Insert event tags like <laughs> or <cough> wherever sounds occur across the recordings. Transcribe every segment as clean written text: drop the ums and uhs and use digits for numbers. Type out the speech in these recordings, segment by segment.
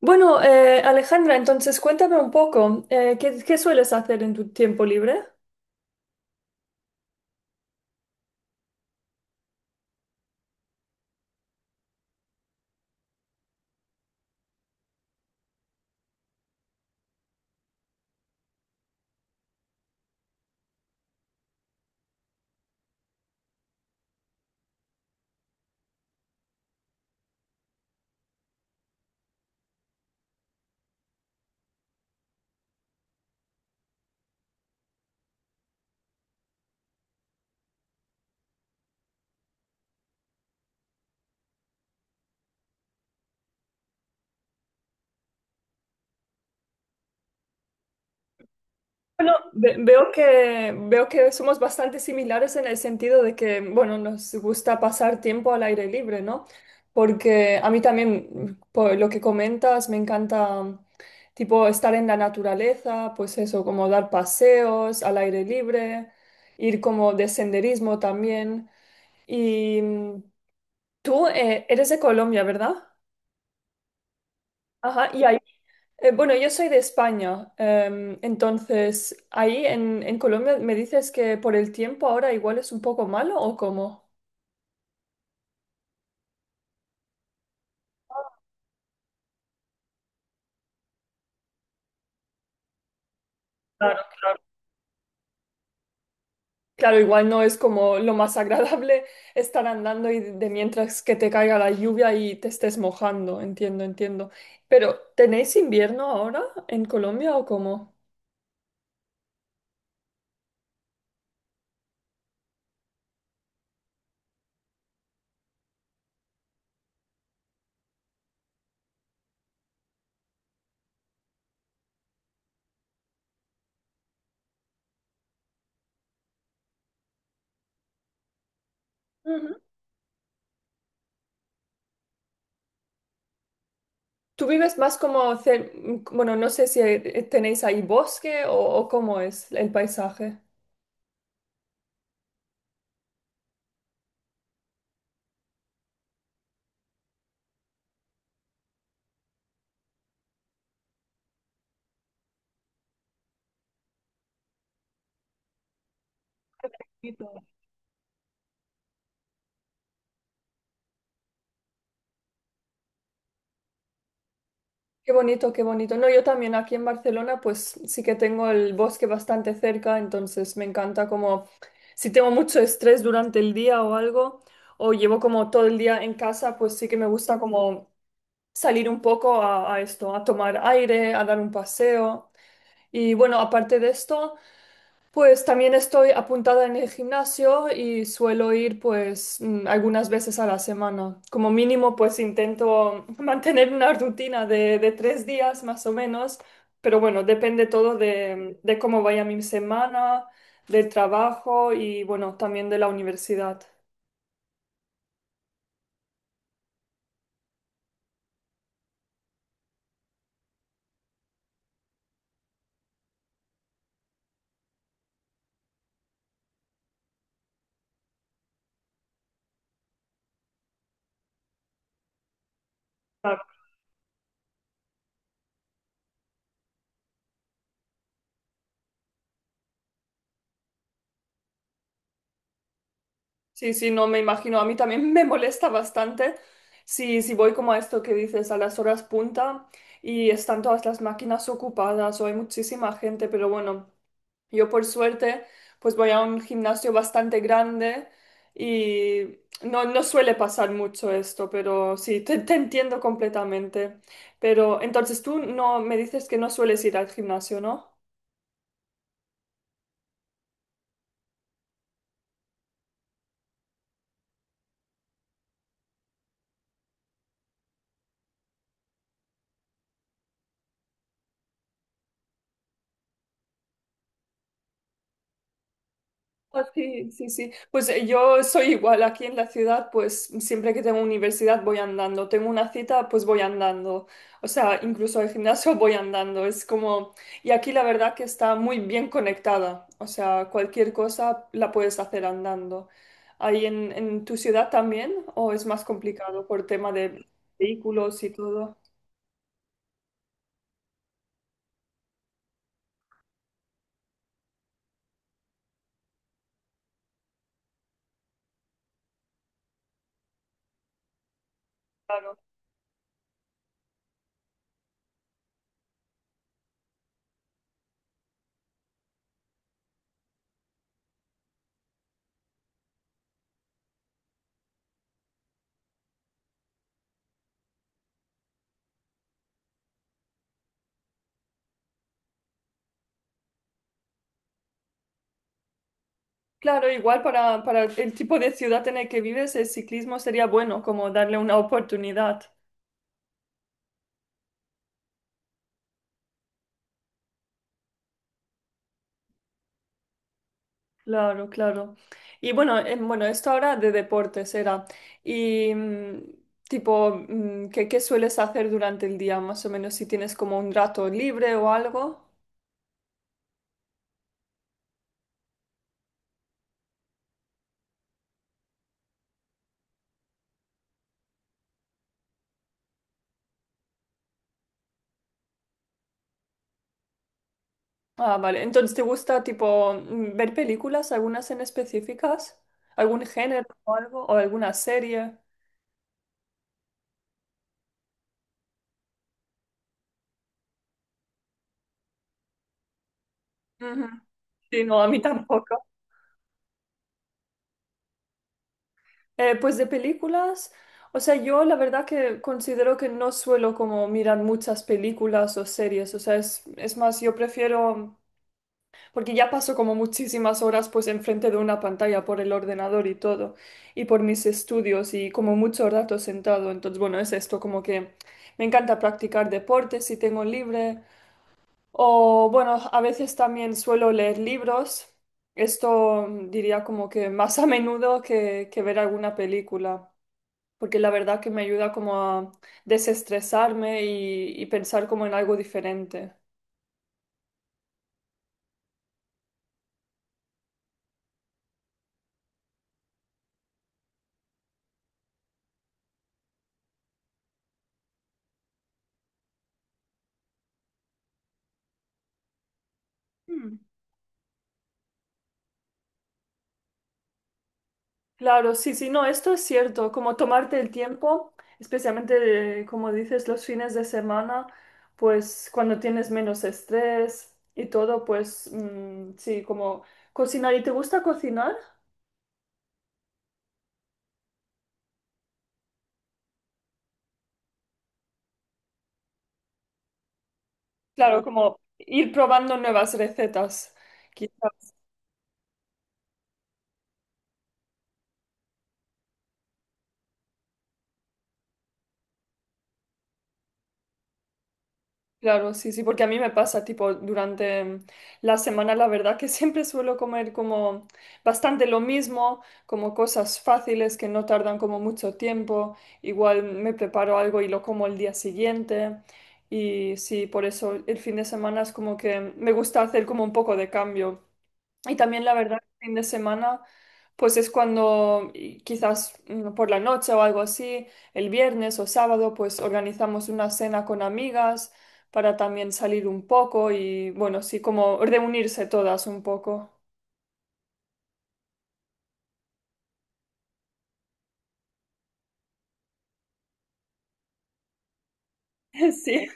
Bueno, Alejandra, entonces cuéntame un poco, ¿qué, qué sueles hacer en tu tiempo libre? Bueno, veo que somos bastante similares en el sentido de que, bueno, nos gusta pasar tiempo al aire libre, ¿no? Porque a mí también, por lo que comentas, me encanta, tipo, estar en la naturaleza, pues eso, como dar paseos al aire libre, ir como de senderismo también. Y mm, tú, eres de Colombia, ¿verdad? Ajá, y ahí bueno, yo soy de España, entonces ahí en Colombia me dices que por el tiempo ahora igual es un poco malo o cómo. Claro. Claro, igual no es como lo más agradable estar andando y de mientras que te caiga la lluvia y te estés mojando, entiendo, entiendo. Pero ¿tenéis invierno ahora en Colombia o cómo? Ujú. ¿Tú vives más como, bueno, no sé si tenéis ahí bosque o cómo es el paisaje? Qué bonito, qué bonito. No, yo también aquí en Barcelona, pues sí que tengo el bosque bastante cerca, entonces me encanta como si tengo mucho estrés durante el día o algo, o llevo como todo el día en casa, pues sí que me gusta como salir un poco a esto, a tomar aire, a dar un paseo. Y bueno, aparte de esto. Pues también estoy apuntada en el gimnasio y suelo ir pues algunas veces a la semana. Como mínimo pues intento <laughs> mantener una rutina de tres días más o menos, pero bueno, depende todo de cómo vaya mi semana, del trabajo y bueno, también de la universidad. Claro. Sí, sí, no me imagino. A mí también <laughs> me molesta bastante si, si voy como a esto que dices, a las horas punta y están todas las máquinas ocupadas o hay muchísima gente, pero bueno. Yo por suerte pues voy a un gimnasio bastante grande y no, no suele pasar mucho esto, pero sí, te entiendo completamente. Pero entonces tú no me dices que no sueles ir al gimnasio, ¿no? Ah, sí, sí, sí. Pues yo soy igual aquí en la ciudad, pues siempre que tengo universidad voy andando. Tengo una cita, pues voy andando. O sea, incluso al gimnasio <laughs> voy andando. Es como... Y aquí la verdad que está muy bien conectada. O sea, cualquier cosa la puedes hacer andando. ¿Ahí en tu ciudad también? ¿O es más complicado por tema de vehículos y todo? Claro. Claro, igual para el tipo de ciudad en el que vives, el ciclismo sería bueno, como darle una oportunidad. Claro, claro. Y bueno, bueno, esto ahora de deportes era. Y mm, tipo, ¿qué, qué sueles hacer durante el día, más o menos, si tienes como un rato libre o algo? Ah, vale. Entonces, ¿te gusta tipo ver películas, algunas en específicas? ¿Algún género o algo? ¿O alguna serie? Ujú. Sí, no, a mí tampoco. Pues de películas, o sea, yo la verdad que considero que no suelo como mirar muchas películas o series, o sea, es más, yo prefiero porque ya paso como muchísimas horas pues enfrente de una pantalla por el ordenador y todo, y por mis estudios y como mucho rato sentado. Entonces, bueno, es esto como que me encanta practicar deportes si tengo libre, o bueno, a veces también suelo leer libros. Diría como que más a menudo que ver alguna película. Porque la verdad que me ayuda como a desestresarme y pensar como en algo diferente. Mm. Claro, sí, sí, no, esto es cierto, como tomarte el tiempo, especialmente como dices, los fines de semana, pues cuando tienes menos estrés y todo, pues sí, como cocinar. ¿Y te gusta cocinar? Claro, como ir probando nuevas recetas, quizás. Claro, sí, sí, porque a mí me pasa, tipo, durante la semana, la verdad que <laughs> siempre suelo comer como bastante lo mismo, como cosas fáciles que no tardan como mucho tiempo, igual me preparo algo y lo como el día siguiente, y sí, por eso el fin de semana es como que me gusta hacer como un poco de cambio. Y también la verdad, el fin de semana, pues es cuando y quizás por la noche o algo así, el viernes o sábado, pues organizamos una cena con amigas para también salir un poco y bueno, sí, como reunirse todas un poco. <laughs> Sí,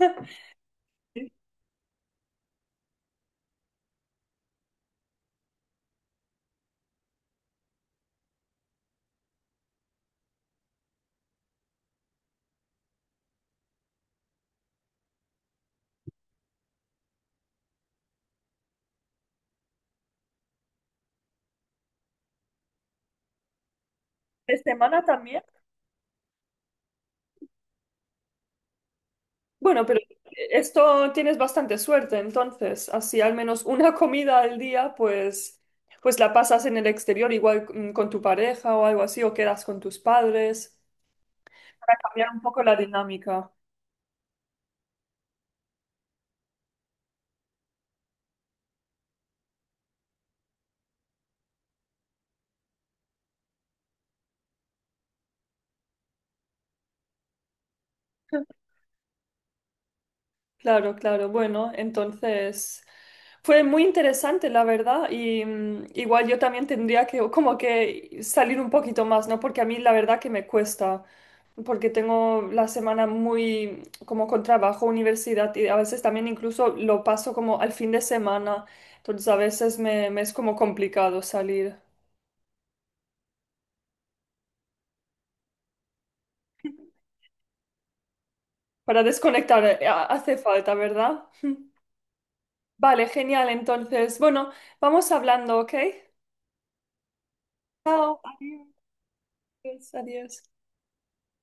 de semana también. Bueno, pero esto tienes bastante suerte, entonces, así al menos una <laughs> comida al día, pues, pues la pasas en el exterior, igual con tu pareja o algo así, o quedas con tus padres. Para cambiar un poco la dinámica. Claro, claro. Bueno, entonces fue muy interesante, la verdad, y igual yo también tendría que como que salir un poquito más, ¿no? Porque a mí la verdad que me cuesta, porque tengo la semana muy como con trabajo, universidad y a veces también incluso lo paso como al fin de semana, entonces a veces me, me es como complicado salir. Para desconectar hace falta, ¿verdad? Vale, genial. Entonces, bueno, vamos hablando, ¿ok? Chao, adiós, adiós.